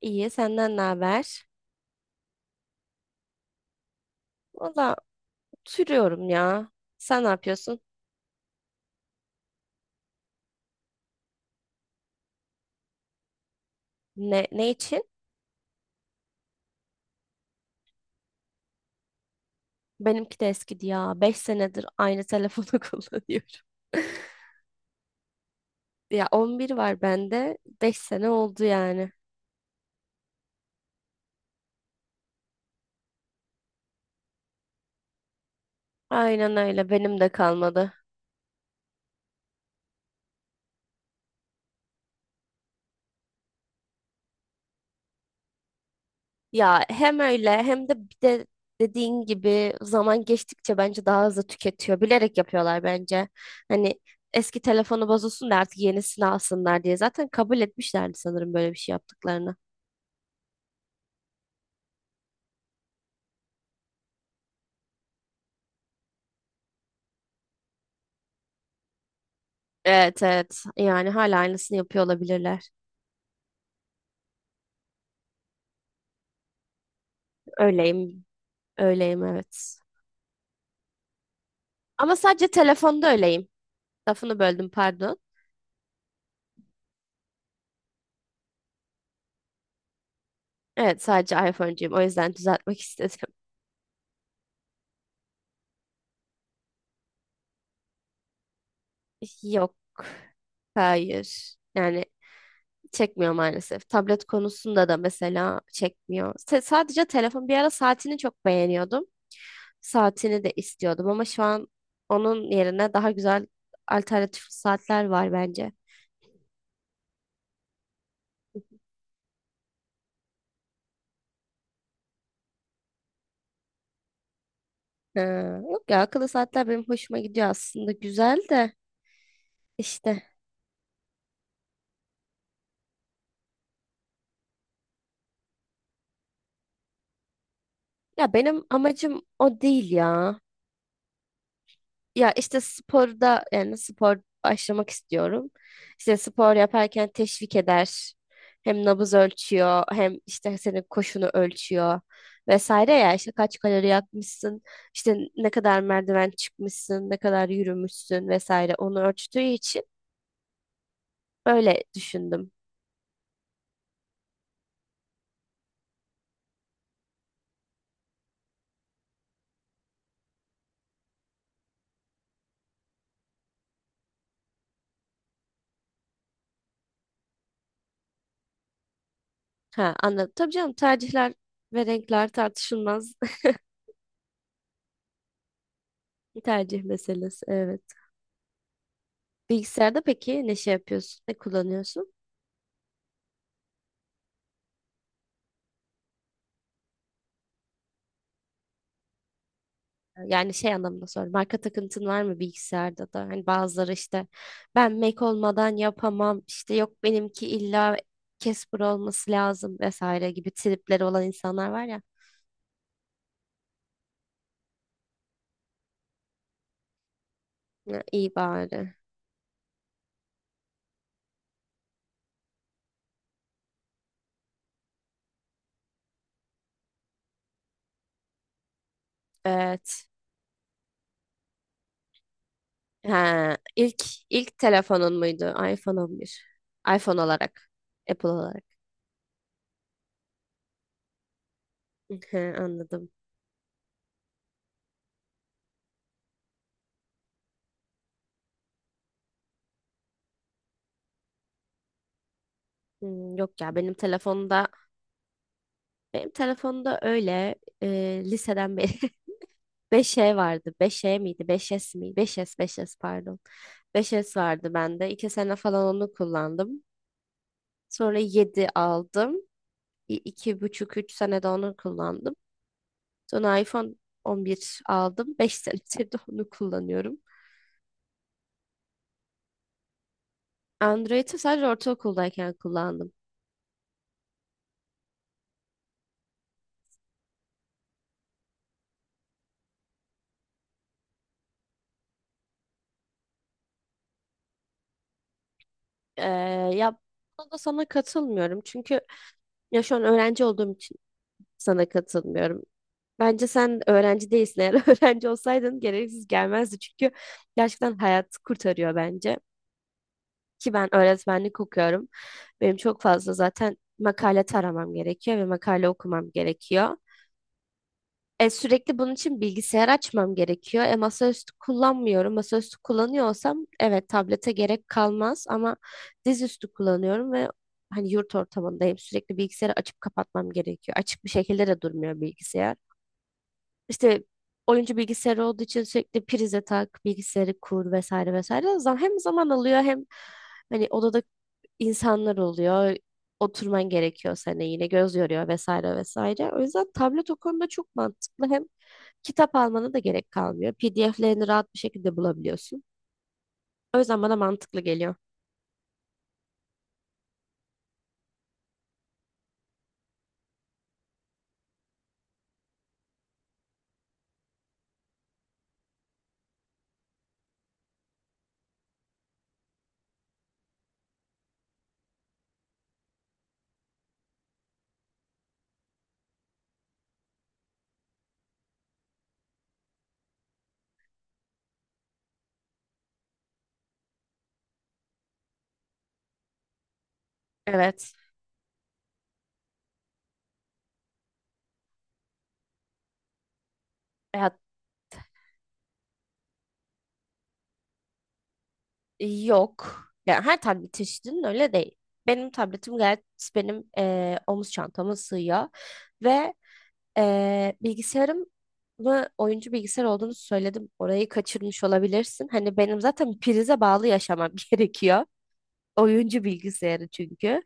İyi, senden ne haber? Valla, oturuyorum ya. Sen ne yapıyorsun? Ne için? Benimki de eskidi ya. 5 senedir aynı telefonu kullanıyorum. Ya 11 var bende. 5 sene oldu yani. Aynen öyle. Benim de kalmadı. Ya hem öyle hem de bir de dediğin gibi zaman geçtikçe bence daha hızlı tüketiyor. Bilerek yapıyorlar bence. Hani eski telefonu bozulsun da artık yenisini alsınlar diye. Zaten kabul etmişlerdi sanırım böyle bir şey yaptıklarını. Evet evet, yani hala aynısını yapıyor olabilirler. Öyleyim, öyleyim, evet. Ama sadece telefonda öyleyim. Lafını böldüm, pardon. Evet, sadece iPhone'cuyum, o yüzden düzeltmek istedim. Yok, hayır, yani çekmiyor maalesef. Tablet konusunda da mesela çekmiyor. Sadece telefon. Bir ara saatini çok beğeniyordum. Saatini de istiyordum ama şu an onun yerine daha güzel alternatif saatler var bence. Ha, yok ya, akıllı saatler benim hoşuma gidiyor aslında, güzel de işte, ya benim amacım o değil ya. Ya işte sporda, yani spor başlamak istiyorum. İşte spor yaparken teşvik eder. Hem nabız ölçüyor, hem işte senin koşunu ölçüyor vesaire. Ya işte kaç kalori yakmışsın, işte ne kadar merdiven çıkmışsın, ne kadar yürümüşsün vesaire, onu ölçtüğü için öyle düşündüm. Ha, anladım. Tabii canım, tercihler ve renkler tartışılmaz. Bir tercih meselesi. Evet. Bilgisayarda peki ne şey yapıyorsun? Ne kullanıyorsun? Yani şey anlamında soruyorum. Marka takıntın var mı bilgisayarda da? Hani bazıları işte, ben Mac olmadan yapamam, İşte yok benimki illa Casper olması lazım vesaire gibi tripleri olan insanlar var ya. Ya, iyi bari. Evet. Ha, ilk telefonun muydu? iPhone 11. iPhone olarak. Apple olarak. Hı, anladım. Hmm, yok ya, benim telefonda öyle liseden beri 5E vardı. Beş e miydi? Beş s mi? 5S, 5S pardon. Beş s vardı bende. 2 sene falan onu kullandım. Sonra 7 aldım. İ- 2,5 3 sene de onu kullandım. Sonra iPhone 11 aldım. 5 senedir de onu kullanıyorum. Android'i sadece ortaokuldayken kullandım. Ee, ya buna da sana katılmıyorum. Çünkü ya şu an öğrenci olduğum için sana katılmıyorum. Bence sen öğrenci değilsin. Eğer öğrenci olsaydın gereksiz gelmezdi. Çünkü gerçekten hayat kurtarıyor bence. Ki ben öğretmenlik okuyorum. Benim çok fazla zaten makale taramam gerekiyor ve makale okumam gerekiyor. Sürekli bunun için bilgisayar açmam gerekiyor. Masaüstü kullanmıyorum. Masaüstü kullanıyor olsam evet, tablete gerek kalmaz, ama dizüstü kullanıyorum ve hani yurt ortamındayım. Sürekli bilgisayarı açıp kapatmam gerekiyor. Açık bir şekilde de durmuyor bilgisayar. İşte oyuncu bilgisayarı olduğu için sürekli prize tak, bilgisayarı kur, vesaire vesaire. O zaman hem zaman alıyor, hem hani odada insanlar oluyor. Oturman gerekiyor, sana yine göz yoruyor vesaire vesaire. O yüzden tablet o konuda çok mantıklı. Hem kitap almana da gerek kalmıyor. PDF'lerini rahat bir şekilde bulabiliyorsun. O yüzden bana mantıklı geliyor. Evet. Ya, yok. Yani her tablet çeşidinin öyle değil. Benim tabletim gayet, benim omuz çantama sığıyor. Ve bilgisayarım mı oyuncu bilgisayar olduğunu söyledim. Orayı kaçırmış olabilirsin. Hani benim zaten prize bağlı yaşamam gerekiyor. Oyuncu bilgisayarı çünkü.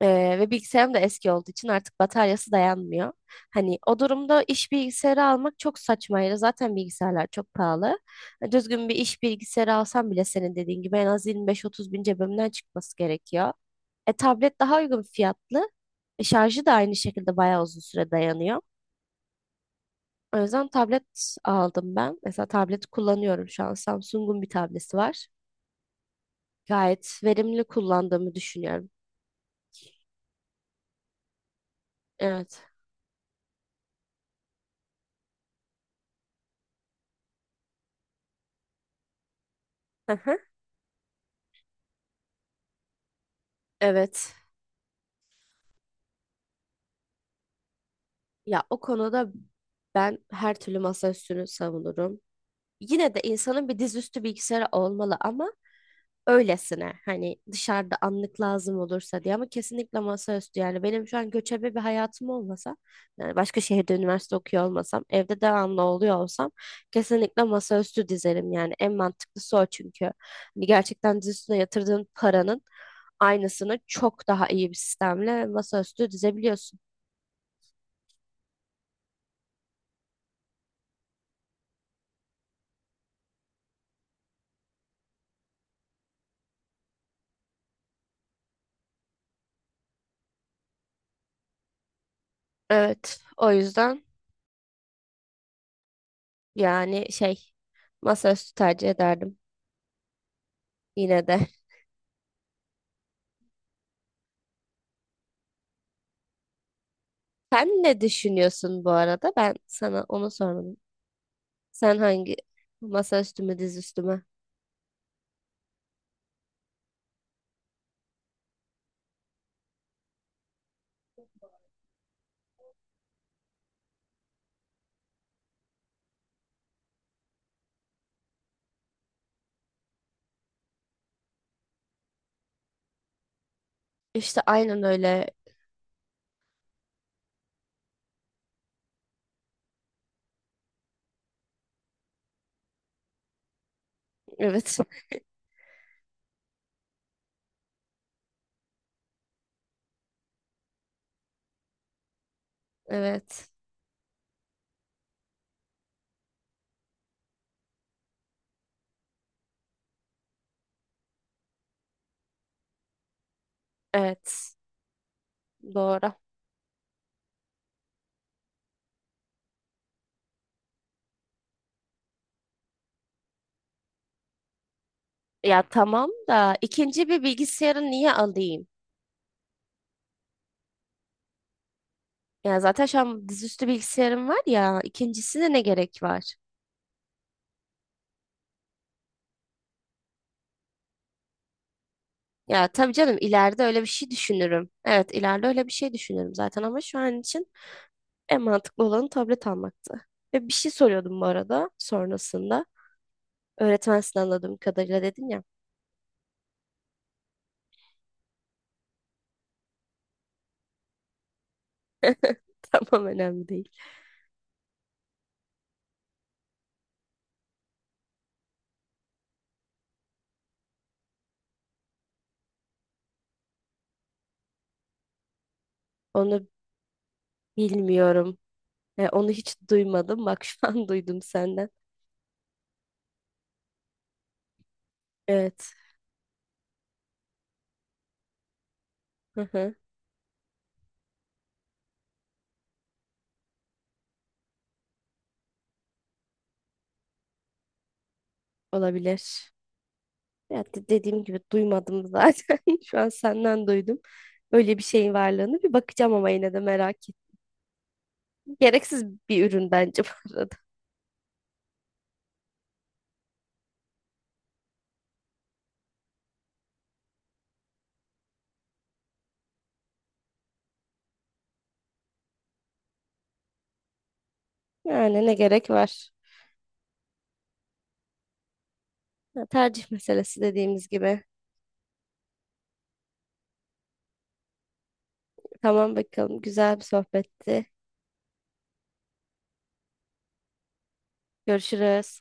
Ve bilgisayarım da eski olduğu için artık bataryası dayanmıyor. Hani o durumda iş bilgisayarı almak çok saçmaydı. Zaten bilgisayarlar çok pahalı. Hani düzgün bir iş bilgisayarı alsam bile senin dediğin gibi en az 25-30 bin cebimden çıkması gerekiyor. Tablet daha uygun fiyatlı. Şarjı da aynı şekilde bayağı uzun süre dayanıyor. O yüzden tablet aldım ben. Mesela tablet kullanıyorum şu an. Samsung'un bir tableti var. Gayet verimli kullandığımı düşünüyorum. Evet. Hı hı. Evet. Ya, o konuda ben her türlü masaüstünü savunurum. Yine de insanın bir dizüstü bilgisayarı olmalı, ama öylesine, hani dışarıda anlık lazım olursa diye, ama kesinlikle masaüstü. Yani benim şu an göçebe bir hayatım olmasa, yani başka şehirde üniversite okuyor olmasam, evde devamlı oluyor olsam, kesinlikle masaüstü dizerim. Yani en mantıklısı o, çünkü hani gerçekten diz üstüne yatırdığın paranın aynısını çok daha iyi bir sistemle masaüstü dizebiliyorsun. Evet, o yüzden yani şey, masaüstü tercih ederdim yine de. Sen ne düşünüyorsun bu arada? Ben sana onu sormadım. Sen hangi, masa üstüme, diz üstüme? İşte aynen öyle. Evet. Evet. Evet. Doğru. Ya tamam da ikinci bir bilgisayarı niye alayım? Ya zaten şu an dizüstü bilgisayarım var ya, ikincisine ne gerek var? Ya tabii canım, ileride öyle bir şey düşünürüm. Evet, ileride öyle bir şey düşünürüm zaten, ama şu an için en mantıklı olanı tablet almaktı. Ve bir şey soruyordum bu arada sonrasında. Öğretmensin, anladığım kadarıyla, dedin ya. Tamam, önemli değil. Onu bilmiyorum. Onu hiç duymadım. Bak şu an duydum senden. Evet. Hı hı. Olabilir. Ya dediğim gibi duymadım zaten. Şu an senden duydum. Öyle bir şeyin varlığını bir bakacağım ama yine de merak ettim. Gereksiz bir ürün bence bu arada. Yani ne gerek var? Ya, tercih meselesi dediğimiz gibi. Tamam, bakalım. Güzel bir sohbetti. Görüşürüz.